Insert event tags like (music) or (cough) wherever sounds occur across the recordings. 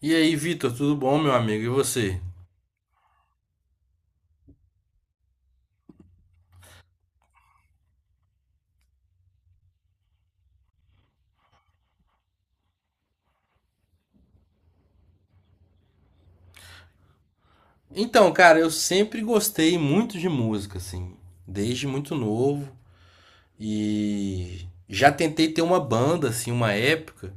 E aí, Vitor, tudo bom, meu amigo? E você? Então, cara, eu sempre gostei muito de música, assim, desde muito novo. E já tentei ter uma banda, assim, uma época,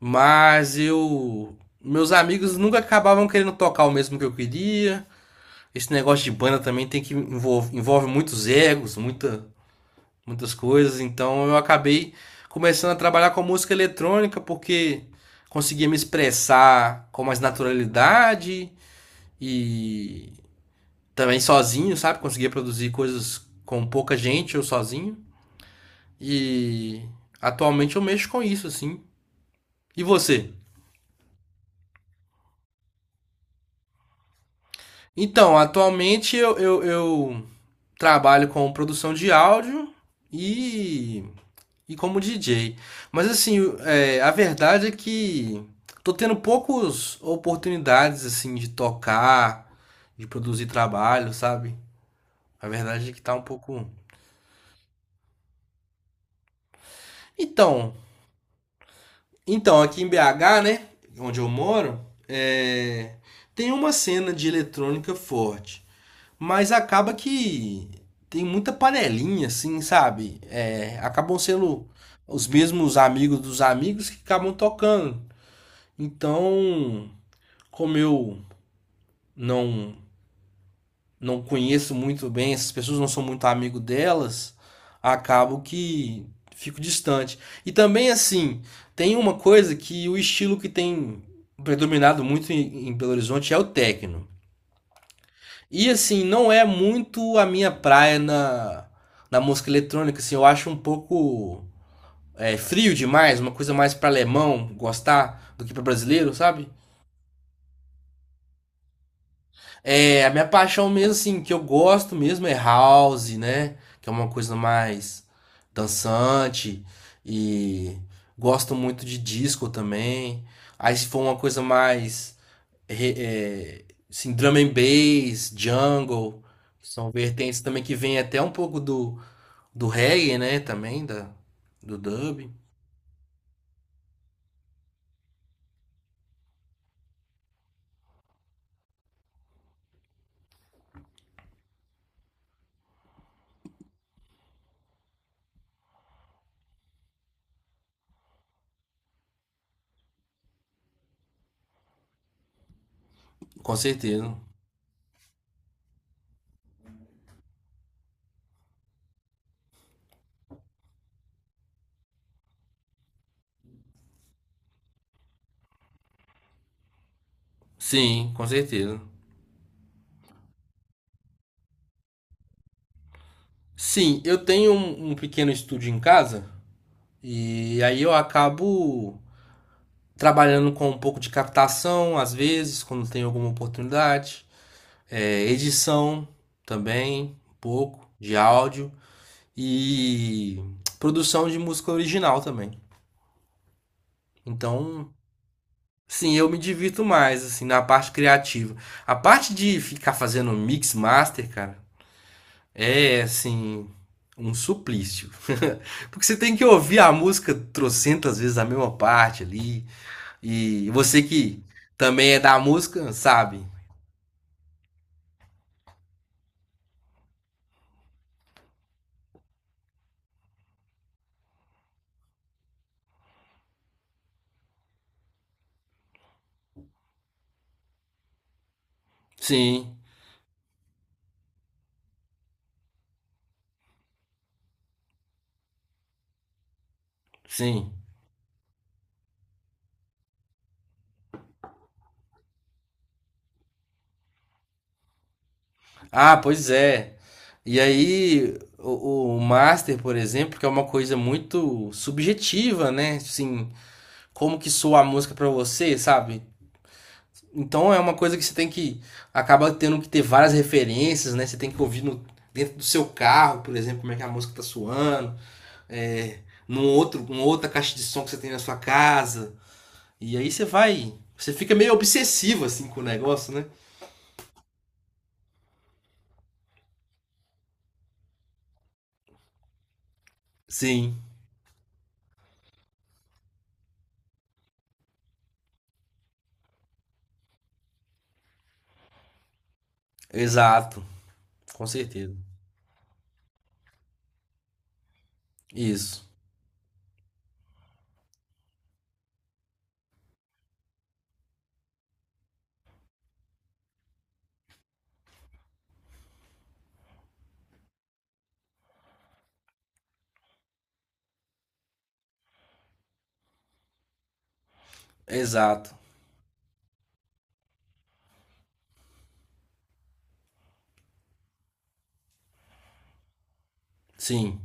mas eu. Meus amigos nunca acabavam querendo tocar o mesmo que eu queria. Esse negócio de banda também tem que envolve muitos egos, muitas coisas. Então eu acabei começando a trabalhar com música eletrônica porque conseguia me expressar com mais naturalidade e também sozinho, sabe? Conseguia produzir coisas com pouca gente ou sozinho. E atualmente eu mexo com isso, assim. E você? Então, atualmente eu trabalho com produção de áudio e, e como DJ. Mas assim, é, a verdade é que tô tendo poucas oportunidades assim de tocar, de produzir trabalho, sabe? A verdade é que tá um pouco. Então, Então, aqui em BH, né, onde eu moro, é, tem uma cena de eletrônica forte, mas acaba que tem muita panelinha, assim, sabe? É, acabam sendo os mesmos amigos dos amigos que acabam tocando. Então, como eu não não conheço muito bem, essas pessoas não sou muito amigo delas, acabo que fico distante. E também, assim, tem uma coisa que o estilo que tem predominado muito em Belo Horizonte é o techno. E, assim, não é muito a minha praia na música eletrônica, assim, eu acho um pouco é, frio demais, uma coisa mais para alemão gostar do que para brasileiro, sabe? É, a minha paixão mesmo, assim, que eu gosto mesmo é house, né? Que é uma coisa mais dançante. E gosto muito de disco também. Aí se for uma coisa mais, re- é, assim, drum and bass, jungle, que são vertentes também que vem até um pouco do, do reggae, né? Também, da, do dub. Com certeza. Sim, com certeza. Sim, eu tenho um pequeno estúdio em casa. E aí eu acabo trabalhando com um pouco de captação, às vezes, quando tem alguma oportunidade, é, edição também, um pouco de áudio e produção de música original também. Então, sim, eu me divirto mais assim na parte criativa. A parte de ficar fazendo mix master, cara, é assim um suplício. (laughs) Porque você tem que ouvir a música trocentas vezes a mesma parte ali. E você que também é da música, sabe? Sim, sim. Ah, pois é. E aí, o master, por exemplo, que é uma coisa muito subjetiva, né? Assim, como que soa a música pra você, sabe? Então é uma coisa que você tem que acaba tendo que ter várias referências, né? Você tem que ouvir no, dentro do seu carro, por exemplo, como é que a música tá soando, é, uma outra caixa de som que você tem na sua casa. E aí você vai. Você fica meio obsessivo assim com o negócio, né? Sim, exato. Com certeza. Isso, exato. Sim.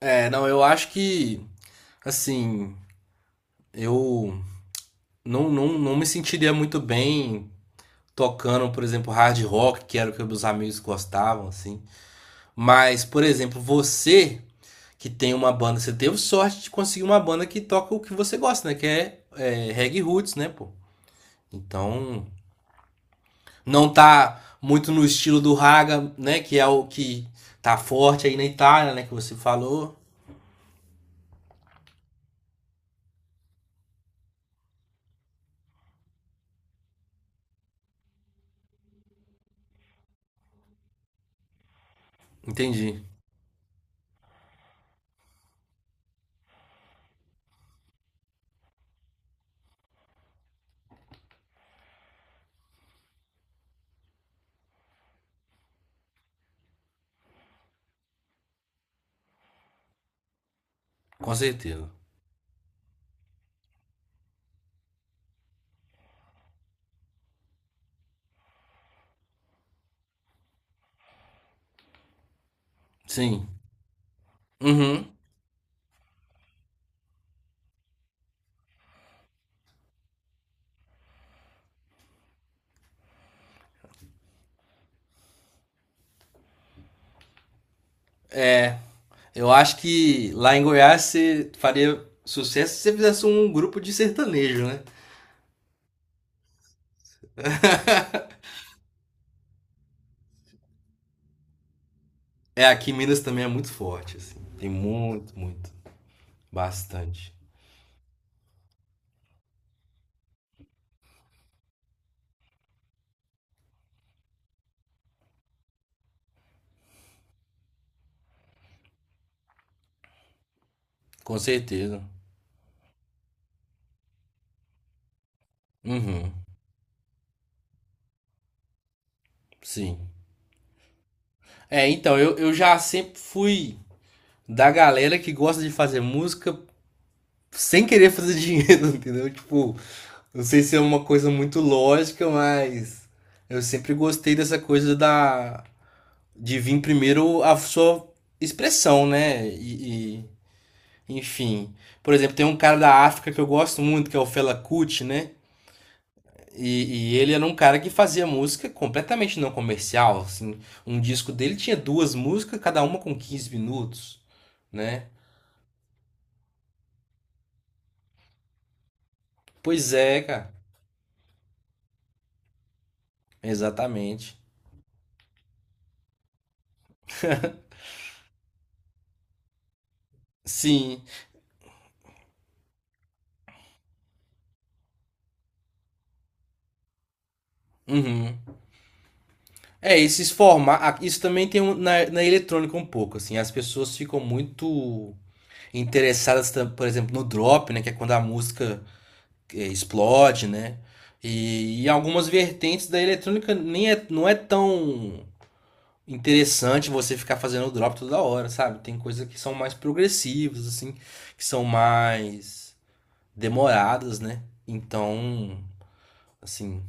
É, não, eu acho que, assim, eu não me sentiria muito bem tocando, por exemplo, hard rock, que era o que meus amigos gostavam, assim. Mas, por exemplo, você que tem uma banda, você teve sorte de conseguir uma banda que toca o que você gosta, né? Que é, é reggae roots, né, pô? Então, não tá muito no estilo do Raga, né? Que é o que tá forte aí na Itália, né? Que você falou. Entendi. Com certeza. Sim. Uhum. Eu acho que lá em Goiás você faria sucesso se você fizesse um grupo de sertanejo, né? É, aqui em Minas também é muito forte, assim. Tem muito, muito. Bastante. Com certeza. Uhum. Sim. É, então, eu já sempre fui da galera que gosta de fazer música sem querer fazer dinheiro, (laughs) entendeu? Tipo, não sei se é uma coisa muito lógica, mas eu sempre gostei dessa coisa da de vir primeiro a sua expressão, né? Enfim, por exemplo, tem um cara da África que eu gosto muito, que é o Fela Kuti, né? E ele era um cara que fazia música completamente não comercial, assim. Um disco dele tinha duas músicas, cada uma com quinze minutos, né? Pois é, cara. Exatamente. Sim. Uhum. É, esses formatos. Na, na eletrônica um pouco, assim. As pessoas ficam muito por exemplo, no drop, né? Que é quando a música explode, né? E algumas vertentes da eletrônica nem é, não é tão interessante você ficar fazendo drop toda hora, sabe? Tem coisas que são mais progressivas, assim, que são mais demoradas, né? Então, assim.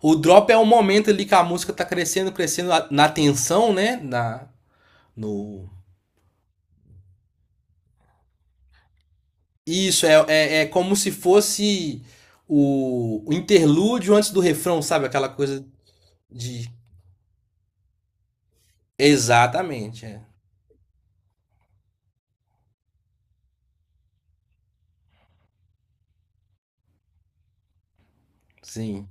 O drop é o momento ali que a música tá crescendo na tensão, né? Na, no... Isso, é, é, é como se fosse o interlúdio antes do refrão, sabe? Aquela coisa de. Exatamente, é. Sim.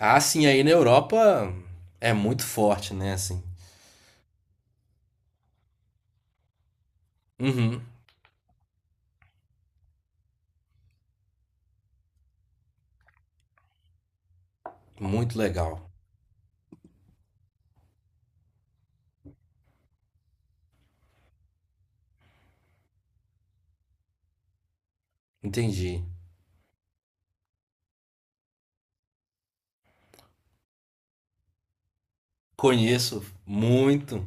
Ah, sim, aí na Europa é muito forte, né? Assim. Uhum, muito legal. Entendi. Conheço muito.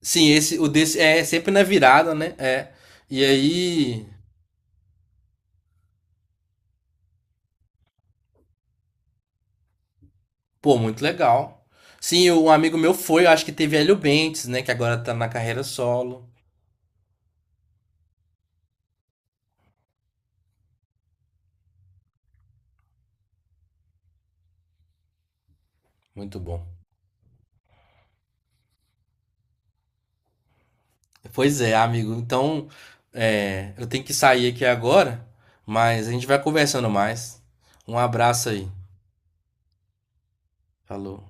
Sim, esse, o desse é sempre na virada, né? É. E aí, pô, muito legal. Sim, um amigo meu foi, eu acho que teve Hélio Bentes, né? Que agora tá na carreira solo. Muito bom. Pois é, amigo. Então, é, eu tenho que sair aqui agora, mas a gente vai conversando mais. Um abraço aí. Falou.